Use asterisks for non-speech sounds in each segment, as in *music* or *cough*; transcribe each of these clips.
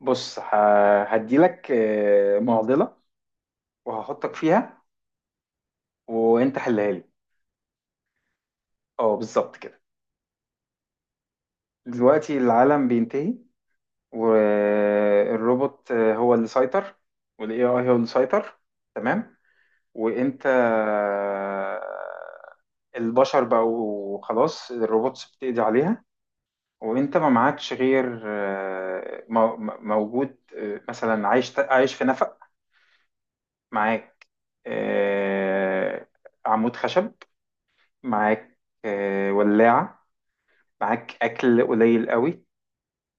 بص هديلك معضلة وهحطك فيها وانت حلها لي. اه بالظبط كده. دلوقتي العالم بينتهي والروبوت هو اللي سيطر والاي اي هو اللي سيطر. تمام. وانت البشر بقوا خلاص، الروبوتس بتقضي عليها. وانت ما معكش غير، موجود مثلا عايش عايش في نفق. معاك آه، عمود خشب، معاك ولاعة، معاك أكل قليل قوي،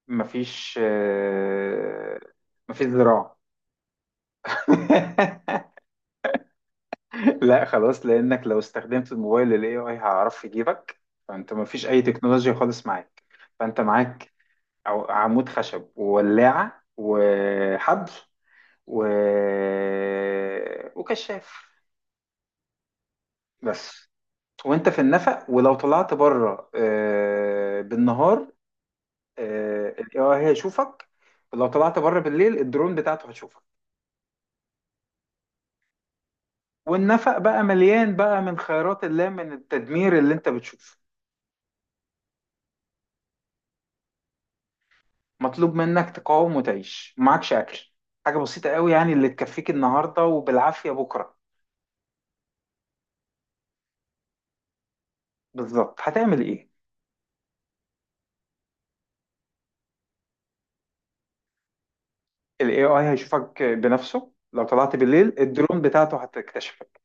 مفيش مفيش زراعة. *laughs* لا خلاص، لأنك لو استخدمت الموبايل ال AI هيعرف يجيبك. فأنت مفيش أي تكنولوجيا خالص معاك. فأنت معاك عمود خشب وولاعة وحبل و... وكشاف بس. وانت في النفق، ولو طلعت بره بالنهار الاي اي هيشوفك، لو طلعت بره بالليل الدرون بتاعته هتشوفك. والنفق بقى مليان بقى من خيرات الله، من التدمير اللي انت بتشوفه. مطلوب منك تقاوم وتعيش، معكش اكل، حاجه بسيطه قوي يعني اللي تكفيك النهارده وبالعافيه بكره. بالظبط، هتعمل ايه؟ الاي اي هيشوفك بنفسه، لو طلعت بالليل الدرون بتاعته هتكتشفك.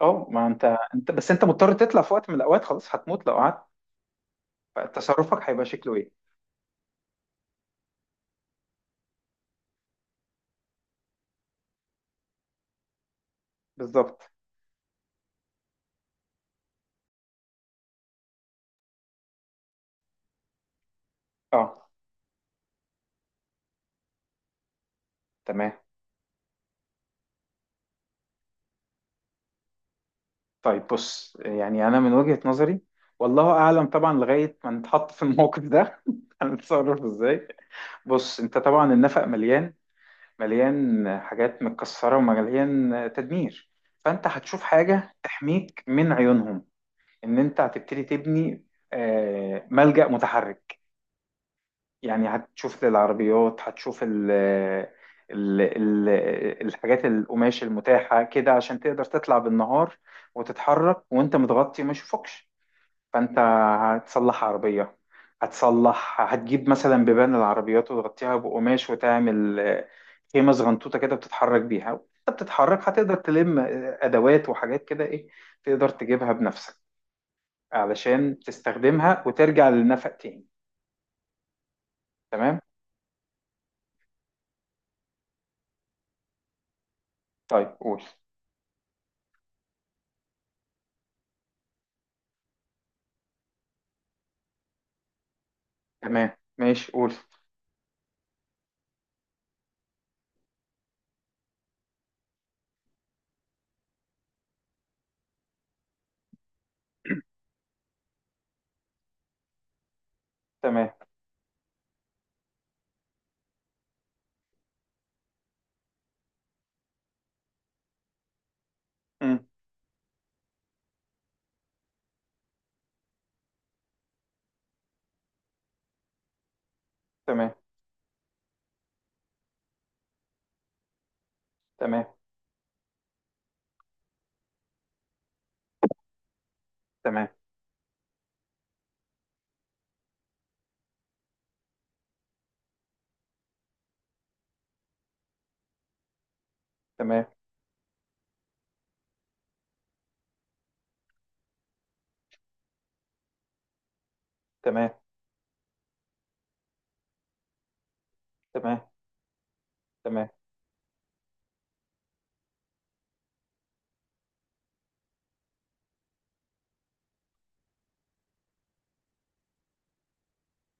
اه، ما انت، انت بس انت مضطر تطلع في وقت من الاوقات، خلاص هتموت لو قعدت. فتصرفك هيبقى شكله ايه؟ بالظبط. اه تمام. طيب بص، يعني انا من وجهة نظري، والله اعلم طبعا لغايه ما نتحط في الموقف ده *laughs* هنتصرف ازاي. بص انت طبعا النفق مليان، مليان حاجات متكسره ومليان تدمير. فانت هتشوف حاجه تحميك من عيونهم، ان انت هتبتدي تبني ملجأ متحرك. يعني هتشوف للعربيات، هتشوف ال الحاجات القماش المتاحه كده عشان تقدر تطلع بالنهار، وتتحرك وانت متغطي وما يشوفوكش. فانت هتصلح عربية، هتصلح، هتجيب مثلا بيبان العربيات وتغطيها بقماش وتعمل خيمة صغنطوطة كده بتتحرك بيها، وانت بتتحرك هتقدر تلم أدوات وحاجات كده إيه تقدر تجيبها بنفسك علشان تستخدمها وترجع للنفق تاني. تمام. طيب قول. تمام ماشي قول. *clears throat* تمام. مم. تمام. تمام. تمام. تمام. تمام. تمام. تمام.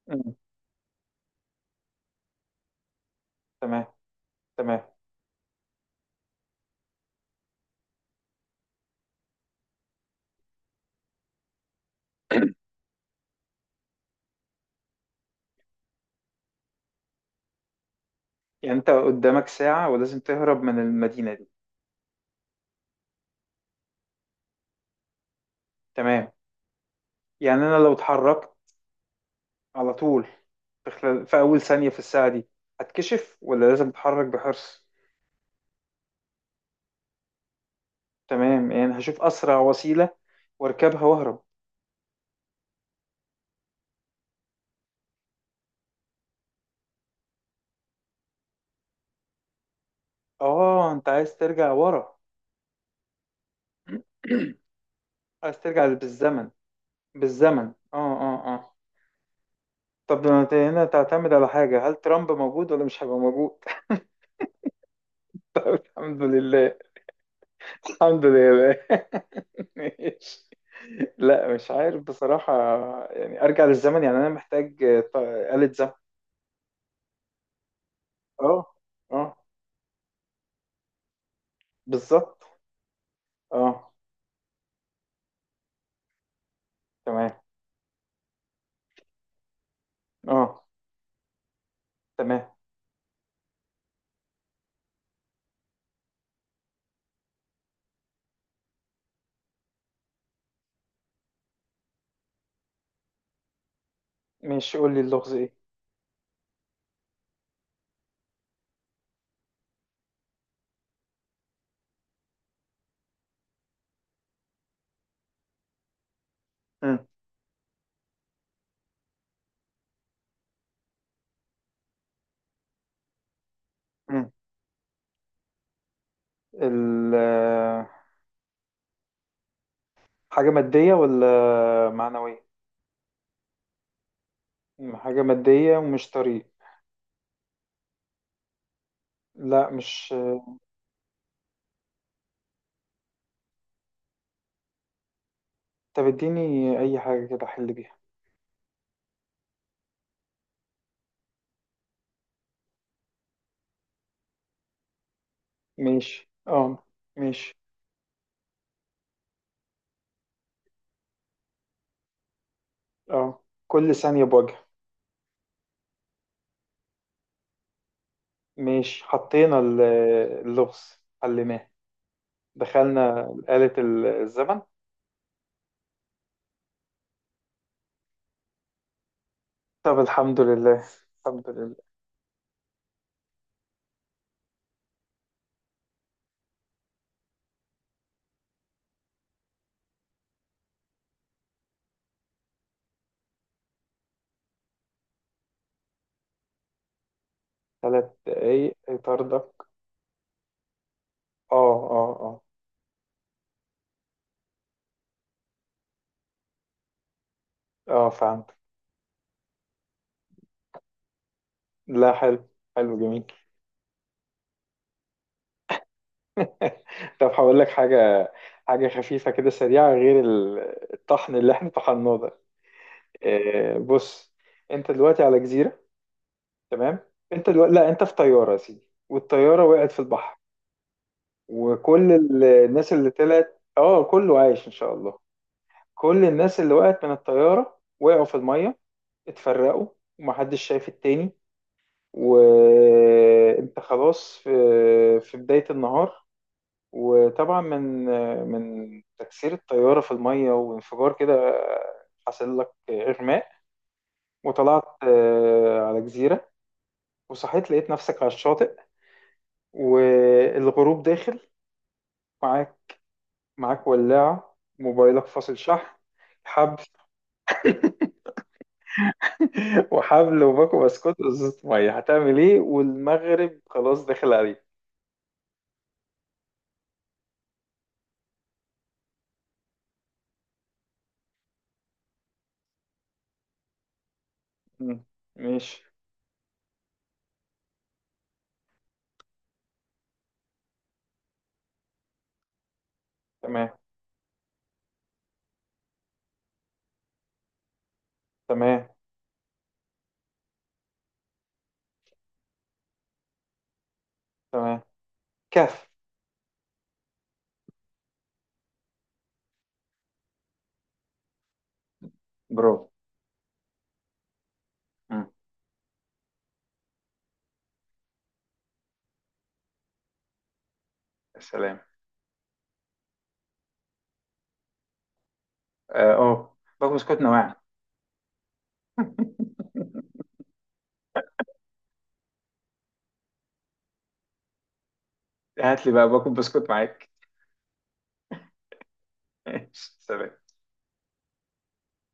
مم. تمام. تمام. يعني انت قدامك ساعة ولازم تهرب من المدينة دي. تمام. يعني انا لو اتحركت على طول، في خلال، في اول ثانية في الساعة دي هتكشف، ولا لازم اتحرك بحرص؟ تمام، يعني هشوف اسرع وسيلة واركبها واهرب. اه انت عايز ترجع ورا. *clears throat* عايز ترجع بالزمن، بالزمن. اه اه اه. طب ما انت هنا تعتمد على حاجة، هل ترامب موجود ولا مش هيبقى موجود؟ *laughs* الحمد لله. الحمد لله. *laughs* ماشي. لا مش عارف بصراحة. يعني ارجع للزمن، يعني انا محتاج آلة زمن. اه. اه. بالظبط. اه. تمام. اه. تمام ماشي، قول لي اللغز ايه. مم. مم. ال حاجة مادية ولا معنوية؟ حاجة مادية ومش طريق. لا، مش. طب اديني اي حاجة كده احل بيها. ماشي. اه ماشي. اه كل ثانية بوجه. ماشي، حطينا اللغز، حليناه، دخلنا آلة الزمن. طب الحمد لله. الحمد لله. ثلاث دقايق. طاردة. اه اه اه. اه فهمت. لا حلو. حلو جميل. *laughs* طب هقول لك حاجة، حاجة خفيفة كده سريعة غير الطحن اللي احنا طحناه ده. بص، انت دلوقتي على جزيرة. تمام. انت دلوقتي لا، انت في طيارة يا سيدي، والطيارة وقعت في البحر، وكل الناس اللي طلعت اه كله عايش ان شاء الله. كل الناس اللي وقعت من الطيارة وقعوا في المية، اتفرقوا ومحدش شايف التاني. وانت خلاص في في بداية النهار، وطبعا من من تكسير الطيارة في المية وانفجار كده حصل لك إغماء، وطلعت على جزيرة. وصحيت لقيت نفسك على الشاطئ، والغروب داخل. معاك، ولاعة، موبايلك فاصل شحن، حبل. *laughs* وحبل وباكو بسكوت وزيت مية. هتعمل ايه والمغرب خلاص داخل عليك؟ مم. ماشي. تمام. تمام. تمام. كف. برافو. مم. يا سلام. اه أوه. باكو بسكوت نواعم. هات لي بقى باكل بسكوت معاك. *laughs* سلام.